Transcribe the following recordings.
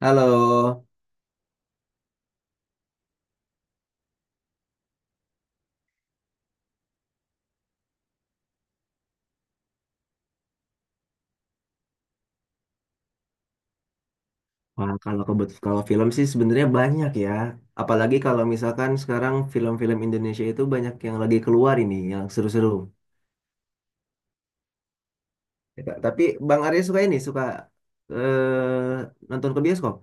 Halo. Wah, kalau film sih sebenarnya banyak ya. Apalagi kalau misalkan sekarang film-film Indonesia itu banyak yang lagi keluar ini, yang seru-seru. Ya, tapi Bang Arya suka ini, nonton ke bioskop.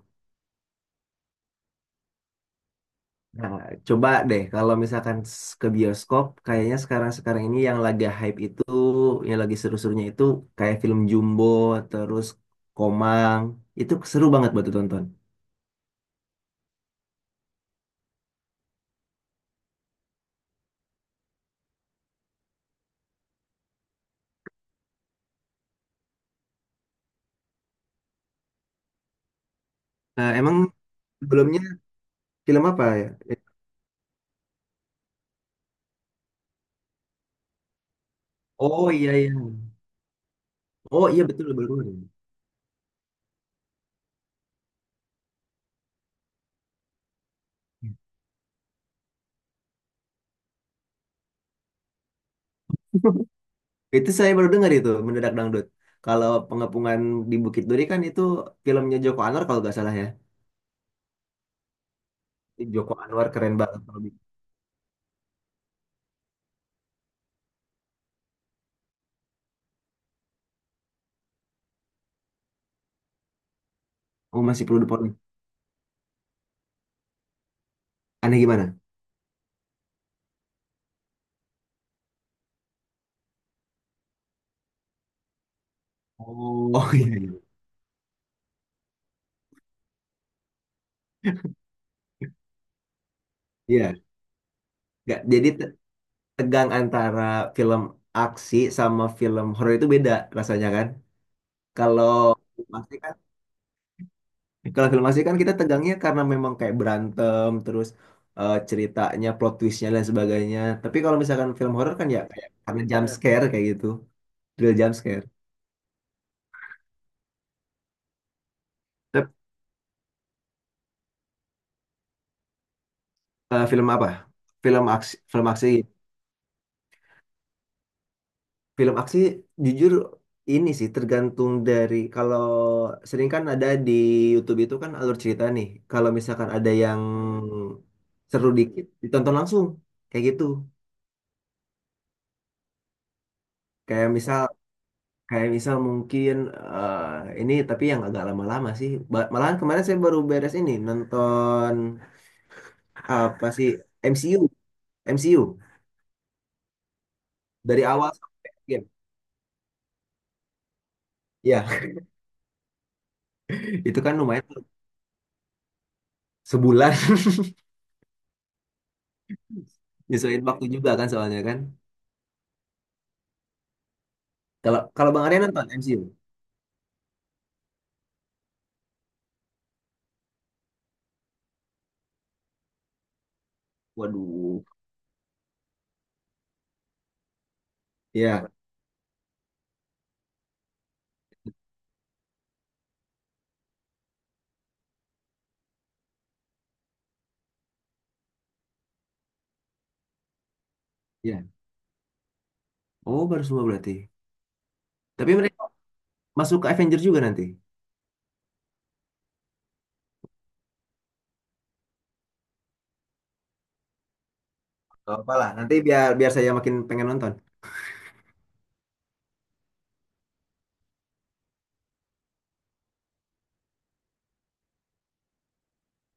Nah, coba deh kalau misalkan ke bioskop, kayaknya sekarang-sekarang ini yang lagi hype itu, yang lagi seru-serunya itu kayak film Jumbo, terus Komang, itu seru banget buat ditonton. Nah, emang sebelumnya film apa ya? Oh, iya, iya. Oh iya, betul, baru dengar. Itu saya baru dengar itu mendadak dangdut. Kalau pengepungan di Bukit Duri kan itu filmnya Joko Anwar kalau nggak salah ya. Joko Anwar keren banget kalau bikin. Oh, masih perlu diporno. Aneh gimana? Oh oh, iya, iya. Iya. Nggak, jadi tegang antara film aksi sama film horor itu beda rasanya kan. Kalau pasti Kalau film asli kan kita tegangnya karena memang kayak berantem, terus ceritanya, plot twistnya dan sebagainya. Tapi kalau misalkan film horor kan ya kayak karena jump scare kayak gitu, real jump scare. Tep- film apa? Film aksi, film aksi, film aksi jujur ini sih tergantung dari kalau sering kan ada di YouTube itu kan alur cerita nih. Kalau misalkan ada yang seru dikit ditonton langsung kayak gitu. Kayak misal Kayak misal mungkin eh, ini tapi yang agak lama-lama sih. Malahan kemarin saya baru beres ini nonton apa sih MCU, MCU dari awal sampai akhir. Ya, itu kan lumayan tuh, sebulan. Nyesuaiin waktu juga kan soalnya kan. Kalau kalau Bang Arya nonton MCU. Waduh. Ya, ya. Oh, baru semua berarti. Tapi mereka masuk ke Avenger juga nanti. Gak apa-apa nanti biar biar saya makin pengen nonton.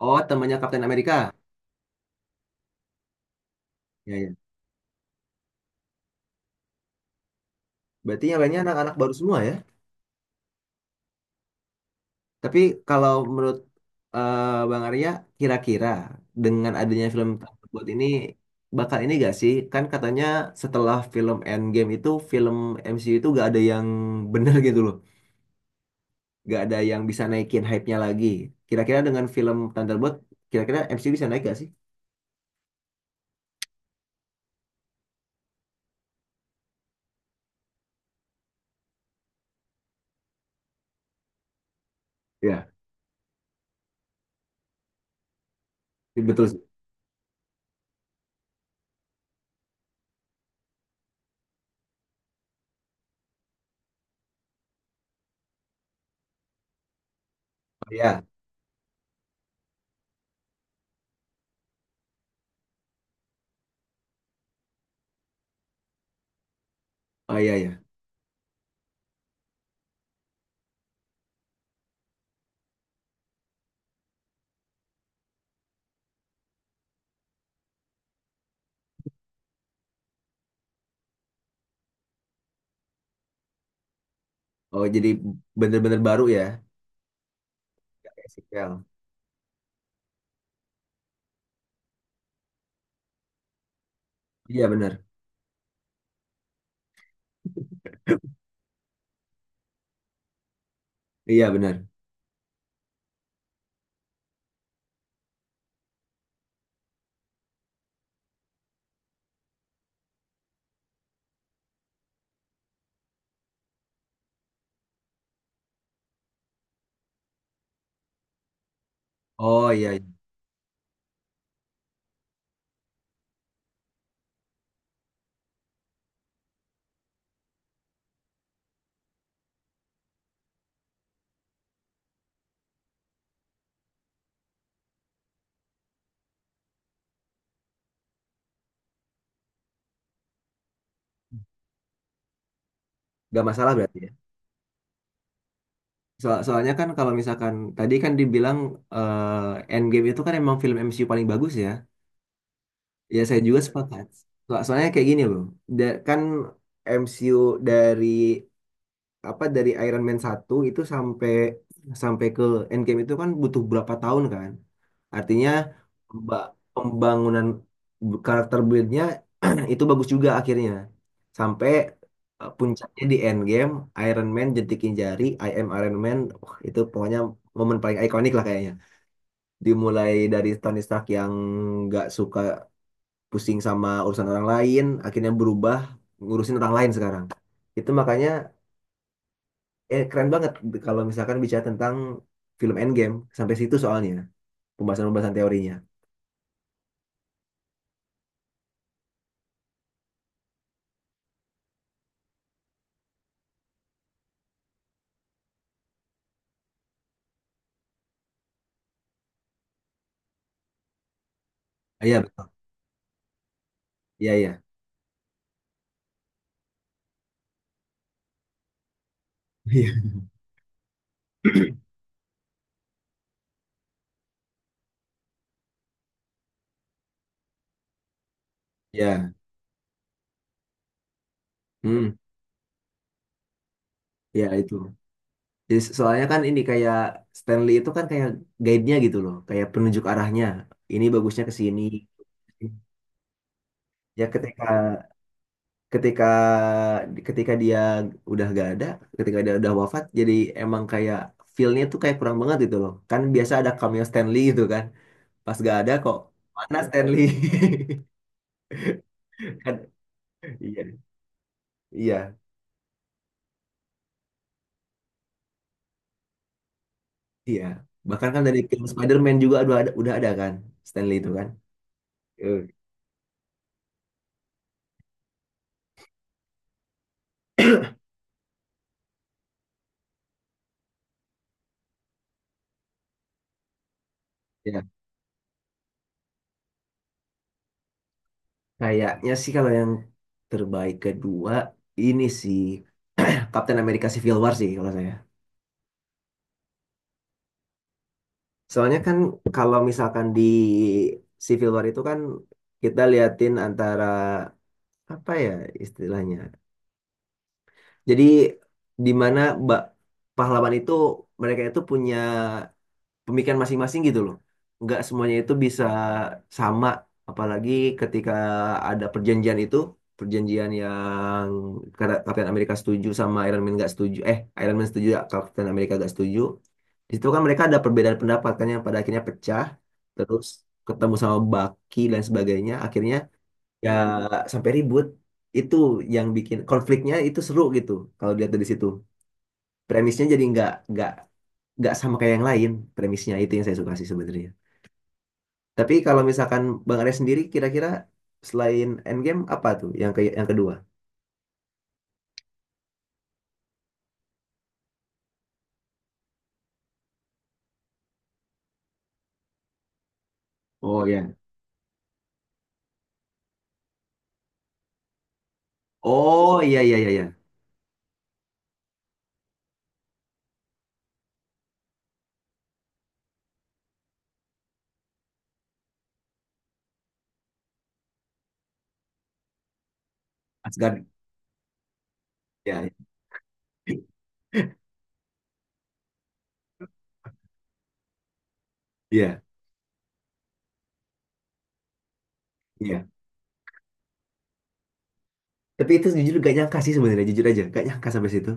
Oh, temannya Kapten Amerika. Ya, ya. Berarti yang lainnya anak-anak baru semua ya. Tapi kalau menurut Bang Arya, kira-kira dengan adanya film Thunderbolt ini bakal ini gak sih? Kan katanya setelah film Endgame itu film MCU itu gak ada yang bener gitu loh. Gak ada yang bisa naikin hype-nya lagi. Kira-kira dengan film Thunderbolt, kira-kira MCU bisa naik gak sih? Ya, betul sih. Oh, iya. Oh, iya ya. Oh, jadi bener-bener baru ya. Gak kayak sequel. Iya bener. Iya bener. Oh, iya, iya. Gak masalah berarti, ya? Soalnya kan kalau misalkan tadi kan dibilang Endgame itu kan emang film MCU paling bagus ya. Ya, saya juga sepakat. Soalnya kayak gini loh. Kan MCU dari apa dari Iron Man 1 itu sampai sampai ke Endgame itu kan butuh berapa tahun kan? Artinya pemba- pembangunan karakter build-nya itu bagus juga akhirnya. Sampai puncaknya di Endgame, Iron Man jentikin jari, "I am Iron Man." Wah, itu pokoknya momen paling ikonik lah kayaknya. Dimulai dari Tony Stark yang nggak suka pusing sama urusan orang lain, akhirnya berubah ngurusin orang lain sekarang. Itu makanya keren banget kalau misalkan bicara tentang film Endgame sampai situ soalnya pembahasan-pembahasan teorinya. Ah, iya, betul. Iya, iya. Iya. Ya, hmm, ya itu. Jadi, soalnya kan ini kayak Stanley itu kan kayak guide-nya gitu loh, kayak penunjuk arahnya. Ini bagusnya ke sini. Ya ketika ketika ketika dia udah gak ada, ketika dia udah wafat, jadi emang kayak feel-nya tuh kayak kurang banget gitu loh. Kan biasa ada cameo Stanley gitu kan. Pas gak ada kok, mana Stanley? Kan, iya, iya, iya. Bahkan kan dari film Spider-Man juga udah ada kan Stanley itu kan. Eh, Iya. Kayaknya sih kalau yang terbaik kedua ini sih Captain America Civil War sih kalau saya. Soalnya kan kalau misalkan di Civil War itu kan kita liatin antara apa ya istilahnya. Jadi di mana ba- pahlawan itu mereka itu punya pemikiran masing-masing gitu loh. Nggak semuanya itu bisa sama, apalagi ketika ada perjanjian itu, perjanjian yang Kapten Amerika setuju sama Iron Man nggak setuju, eh Iron Man setuju, Kapten Amerika nggak setuju. Di situ kan mereka ada perbedaan pendapat kan yang pada akhirnya pecah, terus ketemu sama Bucky dan sebagainya, akhirnya ya sampai ribut. Itu yang bikin konfliknya itu seru gitu kalau dilihat dari situ. Premisnya jadi nggak sama kayak yang lain premisnya itu yang saya suka sih sebenarnya. Tapi kalau misalkan Bang Arya sendiri kira-kira selain Endgame apa tuh yang yang kedua? Oh ya. Oh, iya, iya, iya, iya. Asgard. Iya, iya. Iya. Iya. Tapi itu jujur gak nyangka sih sebenarnya, jujur aja gak nyangka sampai situ.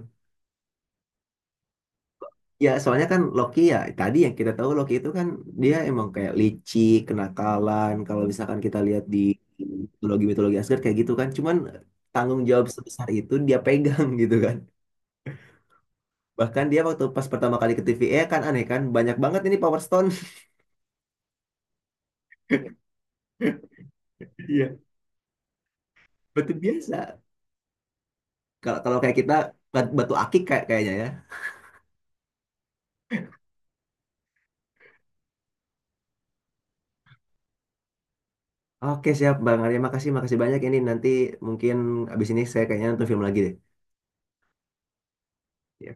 Ya soalnya kan Loki ya tadi yang kita tahu Loki itu kan dia emang kayak licik, kenakalan. Kalau misalkan kita lihat di mitologi-mitologi Asgard kayak gitu kan. Cuman tanggung jawab sebesar itu dia pegang gitu kan. Bahkan dia waktu pas pertama kali ke TVA kan aneh kan banyak banget ini Power Stone. Iya, batu biasa. Kalau kalau kayak kita batu akik kayak kayaknya ya. Oke siap Bang Arya, makasih makasih banyak ini nanti mungkin abis ini saya kayaknya nonton film lagi deh. Ya.